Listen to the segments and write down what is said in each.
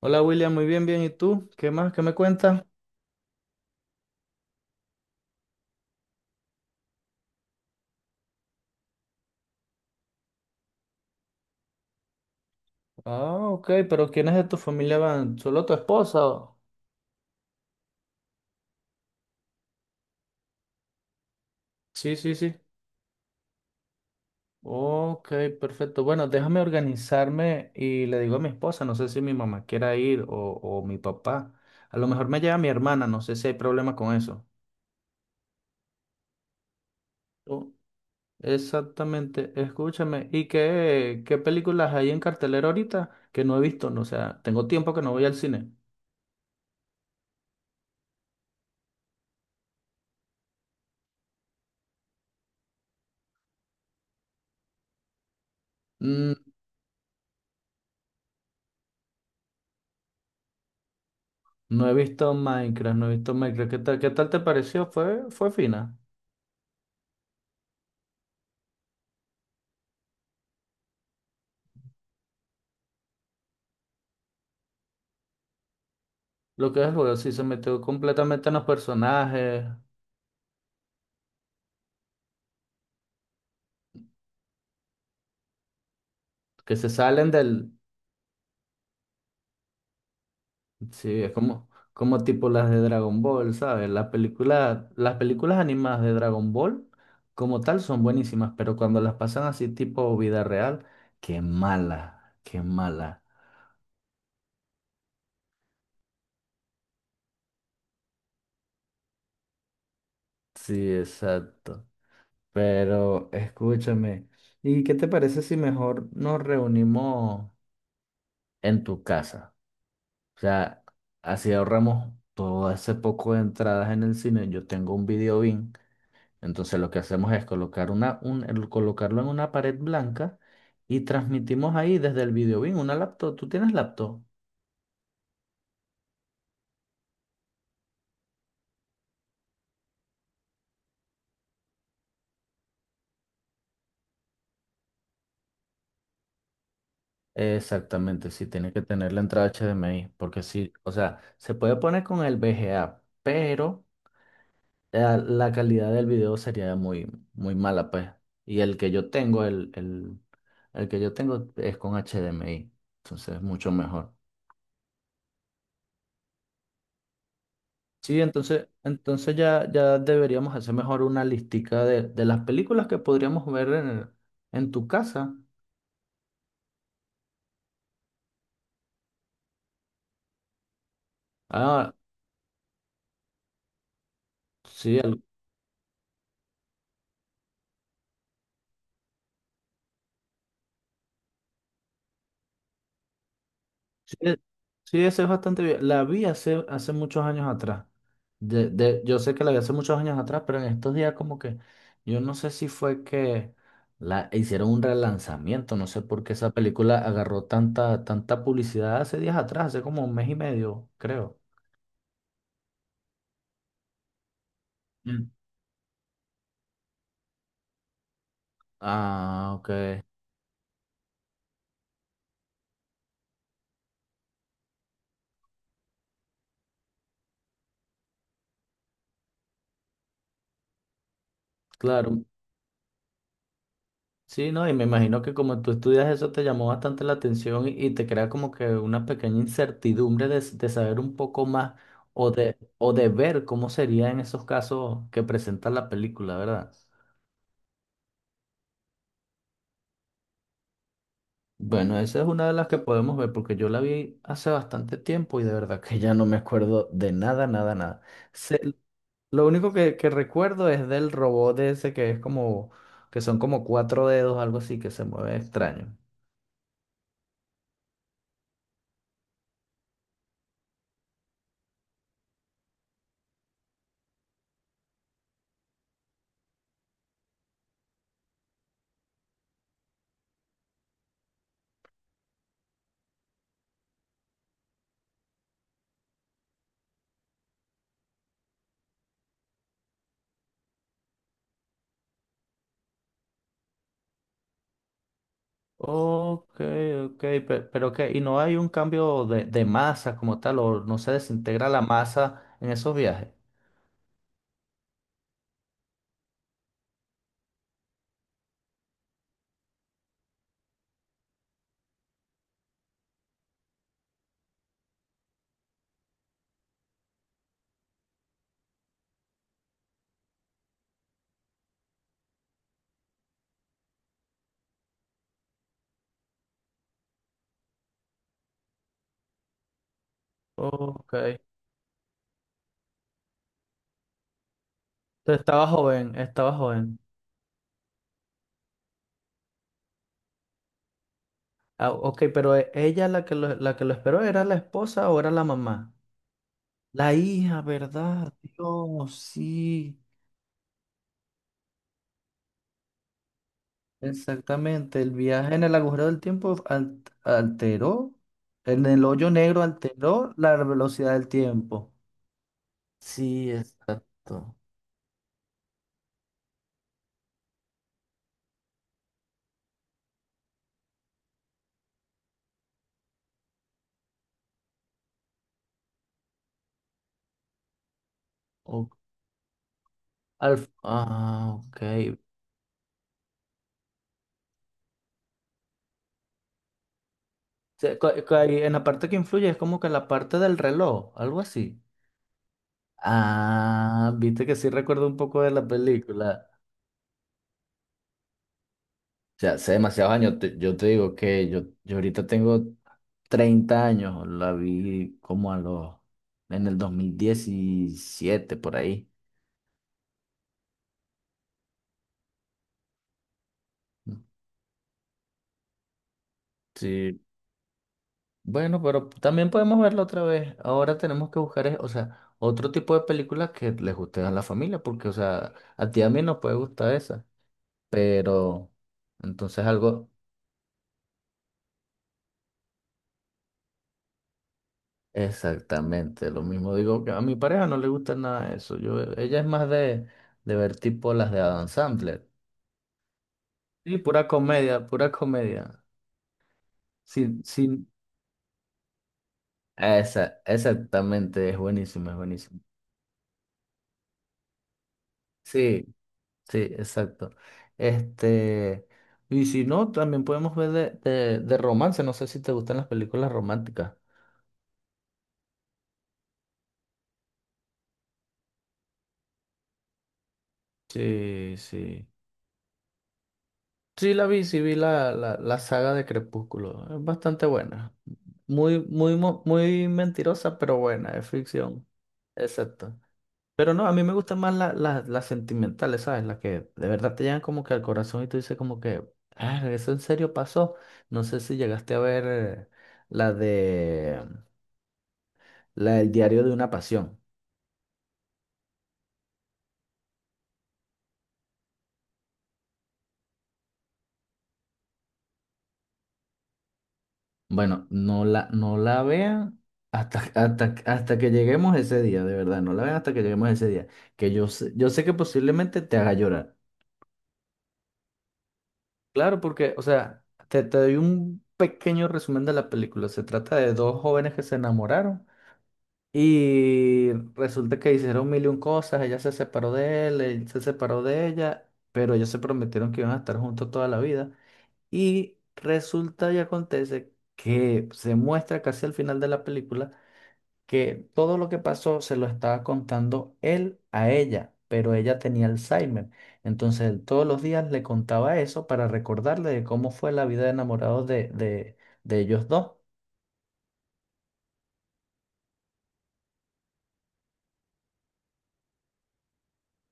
Hola William, muy bien, bien. ¿Y tú? ¿Qué más? ¿Qué me cuentas? Ah, ok, pero ¿quiénes de tu familia van? ¿Solo tu esposa? Sí, sí, sí. Ok, perfecto. Bueno, déjame organizarme y le digo a mi esposa, no sé si mi mamá quiera ir o mi papá. A lo mejor me lleva mi hermana, no sé si hay problema con eso. Oh, exactamente, escúchame. ¿Y qué películas hay en cartelera ahorita que no he visto? No, o sea, tengo tiempo que no voy al cine. No he visto Minecraft, no he visto Minecraft. ¿Qué tal te pareció? Fue fina. Lo que es el juego, sí, se metió completamente en los personajes que se salen del. Sí, es como tipo las de Dragon Ball, ¿sabes? Las películas animadas de Dragon Ball como tal son buenísimas, pero cuando las pasan así tipo vida real, qué mala, qué mala. Sí, exacto. Pero escúchame, ¿y qué te parece si mejor nos reunimos en tu casa? O sea, así ahorramos todo ese poco de entradas en el cine. Yo tengo un video bin, entonces lo que hacemos es colocar colocarlo en una pared blanca y transmitimos ahí desde el video bin una laptop. ¿Tú tienes laptop? Exactamente, sí, tiene que tener la entrada HDMI, porque sí, o sea, se puede poner con el VGA, pero la calidad del video sería muy, muy mala, pues. Y el que yo tengo, es con HDMI, entonces es mucho mejor. Sí, entonces ya deberíamos hacer mejor una listica de las películas que podríamos ver en tu casa. Ah, sí, sí, sí, esa es bastante bien. La vi hace muchos años atrás. Yo sé que la vi hace muchos años atrás, pero en estos días como que yo no sé si fue que la hicieron un relanzamiento, no sé por qué esa película agarró tanta, tanta publicidad hace días atrás, hace como un mes y medio, creo. Mm. Ah, ok. Claro, sí, no, y me imagino que como tú estudias eso te llamó bastante la atención y, te crea como que una pequeña incertidumbre de, de saber un poco más o de ver cómo sería en esos casos que presenta la película, ¿verdad? Bueno, esa es una de las que podemos ver porque yo la vi hace bastante tiempo y de verdad que ya no me acuerdo de nada, nada, nada. Sé- lo único que recuerdo es del robot de ese que es como, que son como cuatro dedos, algo así, que se mueve extraño. Ok, ok, pero ¿y no hay un cambio de masa como tal, o no se desintegra la masa en esos viajes? Ok, entonces estaba joven, estaba joven. Ah, ok, pero ella la que lo esperó era la esposa o era la mamá. La hija, ¿verdad? Dios, sí, exactamente. El viaje en el agujero del tiempo en el hoyo negro alteró la velocidad del tiempo. Sí, exacto. Ah, ok. Ahí, en la parte que influye es como que la parte del reloj, algo así. Ah, viste que sí recuerdo un poco de la película. O sea, hace demasiados años, yo te digo que yo ahorita tengo 30 años, la vi como en el 2017 por ahí. Sí, bueno, pero también podemos verla otra vez. Ahora tenemos que buscar, o sea, otro tipo de películas que les guste a la familia, porque, o sea, a ti y a mí nos puede gustar esa. Pero entonces algo exactamente lo mismo. Digo que a mi pareja no le gusta nada de eso. Ella es más de ver tipo las de Adam Sandler. Sí, pura comedia, pura comedia. Sin, sin... Esa, exactamente, es buenísimo, es buenísimo. Sí, sí, exacto. Este, y si no, también podemos ver de, de romance. No sé si te gustan las películas románticas. Sí, sí. Sí la vi, sí vi la, la saga de Crepúsculo. Es bastante buena. Muy mentirosa, pero buena, es ficción. Exacto. Pero no, a mí me gustan más las sentimentales, ¿sabes? Las que de verdad te llegan como que al corazón y tú dices como que, ah, eso en serio pasó. No sé si llegaste a ver la de, la del diario de una pasión. Bueno, no la vean hasta que lleguemos ese día, de verdad, no la vean hasta que lleguemos ese día, que yo sé que posiblemente te haga llorar. Claro, porque, o sea, te doy un pequeño resumen de la película. Se trata de dos jóvenes que se enamoraron y resulta que hicieron mil y un cosas, ella se separó de él, él se separó de ella, pero ellos se prometieron que iban a estar juntos toda la vida y resulta y acontece que se muestra casi al final de la película que todo lo que pasó se lo estaba contando él a ella, pero ella tenía Alzheimer. Entonces él todos los días le contaba eso para recordarle de cómo fue la vida de enamorados de, de ellos dos.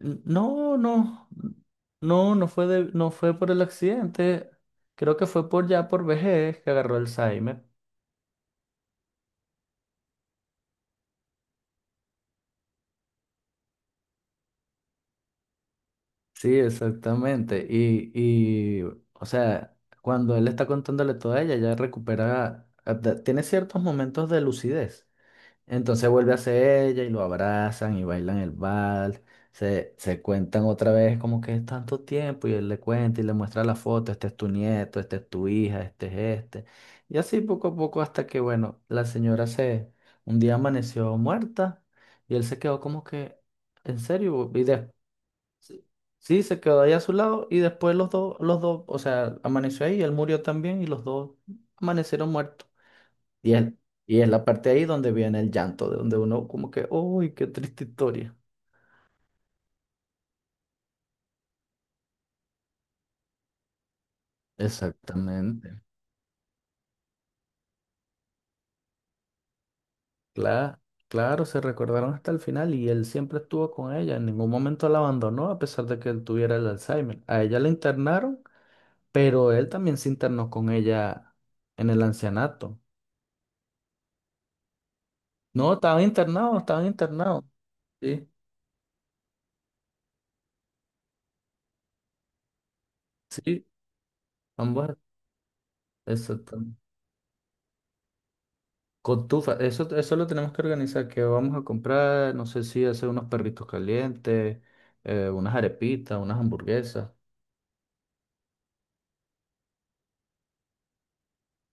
No, no, no, no fue por el accidente. Creo que fue por ya por vejez que agarró Alzheimer. Sí, exactamente. Y, o sea, cuando él está contándole todo a ella, ella recupera, tiene ciertos momentos de lucidez. Entonces vuelve hacia ella y lo abrazan y bailan el vals. Se cuentan otra vez como que es tanto tiempo y él le cuenta y le muestra la foto, este es tu nieto, este es tu hija, este es este. Y así poco a poco hasta que, bueno, la señora un día amaneció muerta y él se quedó como que, ¿en serio? Y sí, sí, se quedó ahí a su lado y después los dos, o sea, amaneció ahí y él murió también y los dos amanecieron muertos. Y es, y es la parte ahí donde viene el llanto, de donde uno como que, uy, qué triste historia. Exactamente. Claro, claro, se recordaron hasta el final y él siempre estuvo con ella, en ningún momento la abandonó a pesar de que él tuviera el Alzheimer. A ella la internaron, pero él también se internó con ella en el ancianato. No, estaban internados, estaban internados. Sí, sí, ambos, exacto. Cotufa, eso lo tenemos que organizar, que vamos a comprar, no sé si hacer unos perritos calientes, unas arepitas, unas hamburguesas.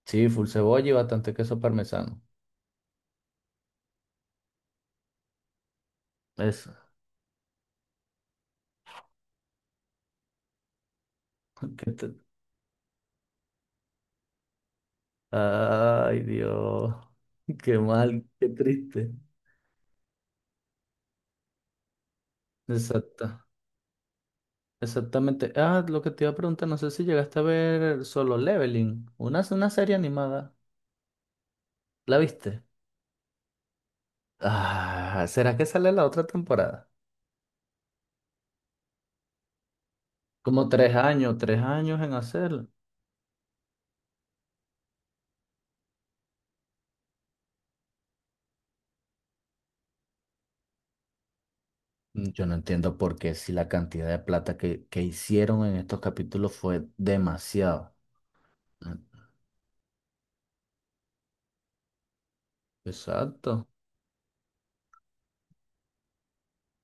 Sí, full cebolla y bastante queso parmesano. Eso. Qué tr- Ay, Dios. Qué mal, qué triste. Exacto, exactamente. Ah, lo que te iba a preguntar, no sé si llegaste a ver Solo Leveling, una serie animada. ¿La viste? Ah, ¿será que sale la otra temporada? Como 3 años, 3 años en hacerla. Yo no entiendo por qué si la cantidad de plata que hicieron en estos capítulos fue demasiado. Mm, exacto,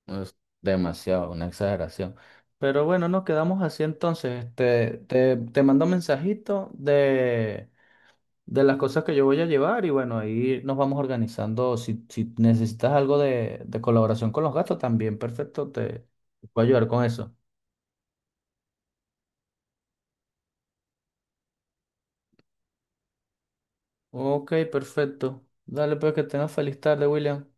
es demasiado, una exageración. Pero bueno, nos quedamos así entonces. Te mando un mensajito de, las cosas que yo voy a llevar y bueno, ahí nos vamos organizando. Si necesitas algo de colaboración con los gastos también, perfecto, te puedo ayudar con eso. Ok, perfecto. Dale pues que tengas feliz tarde, William.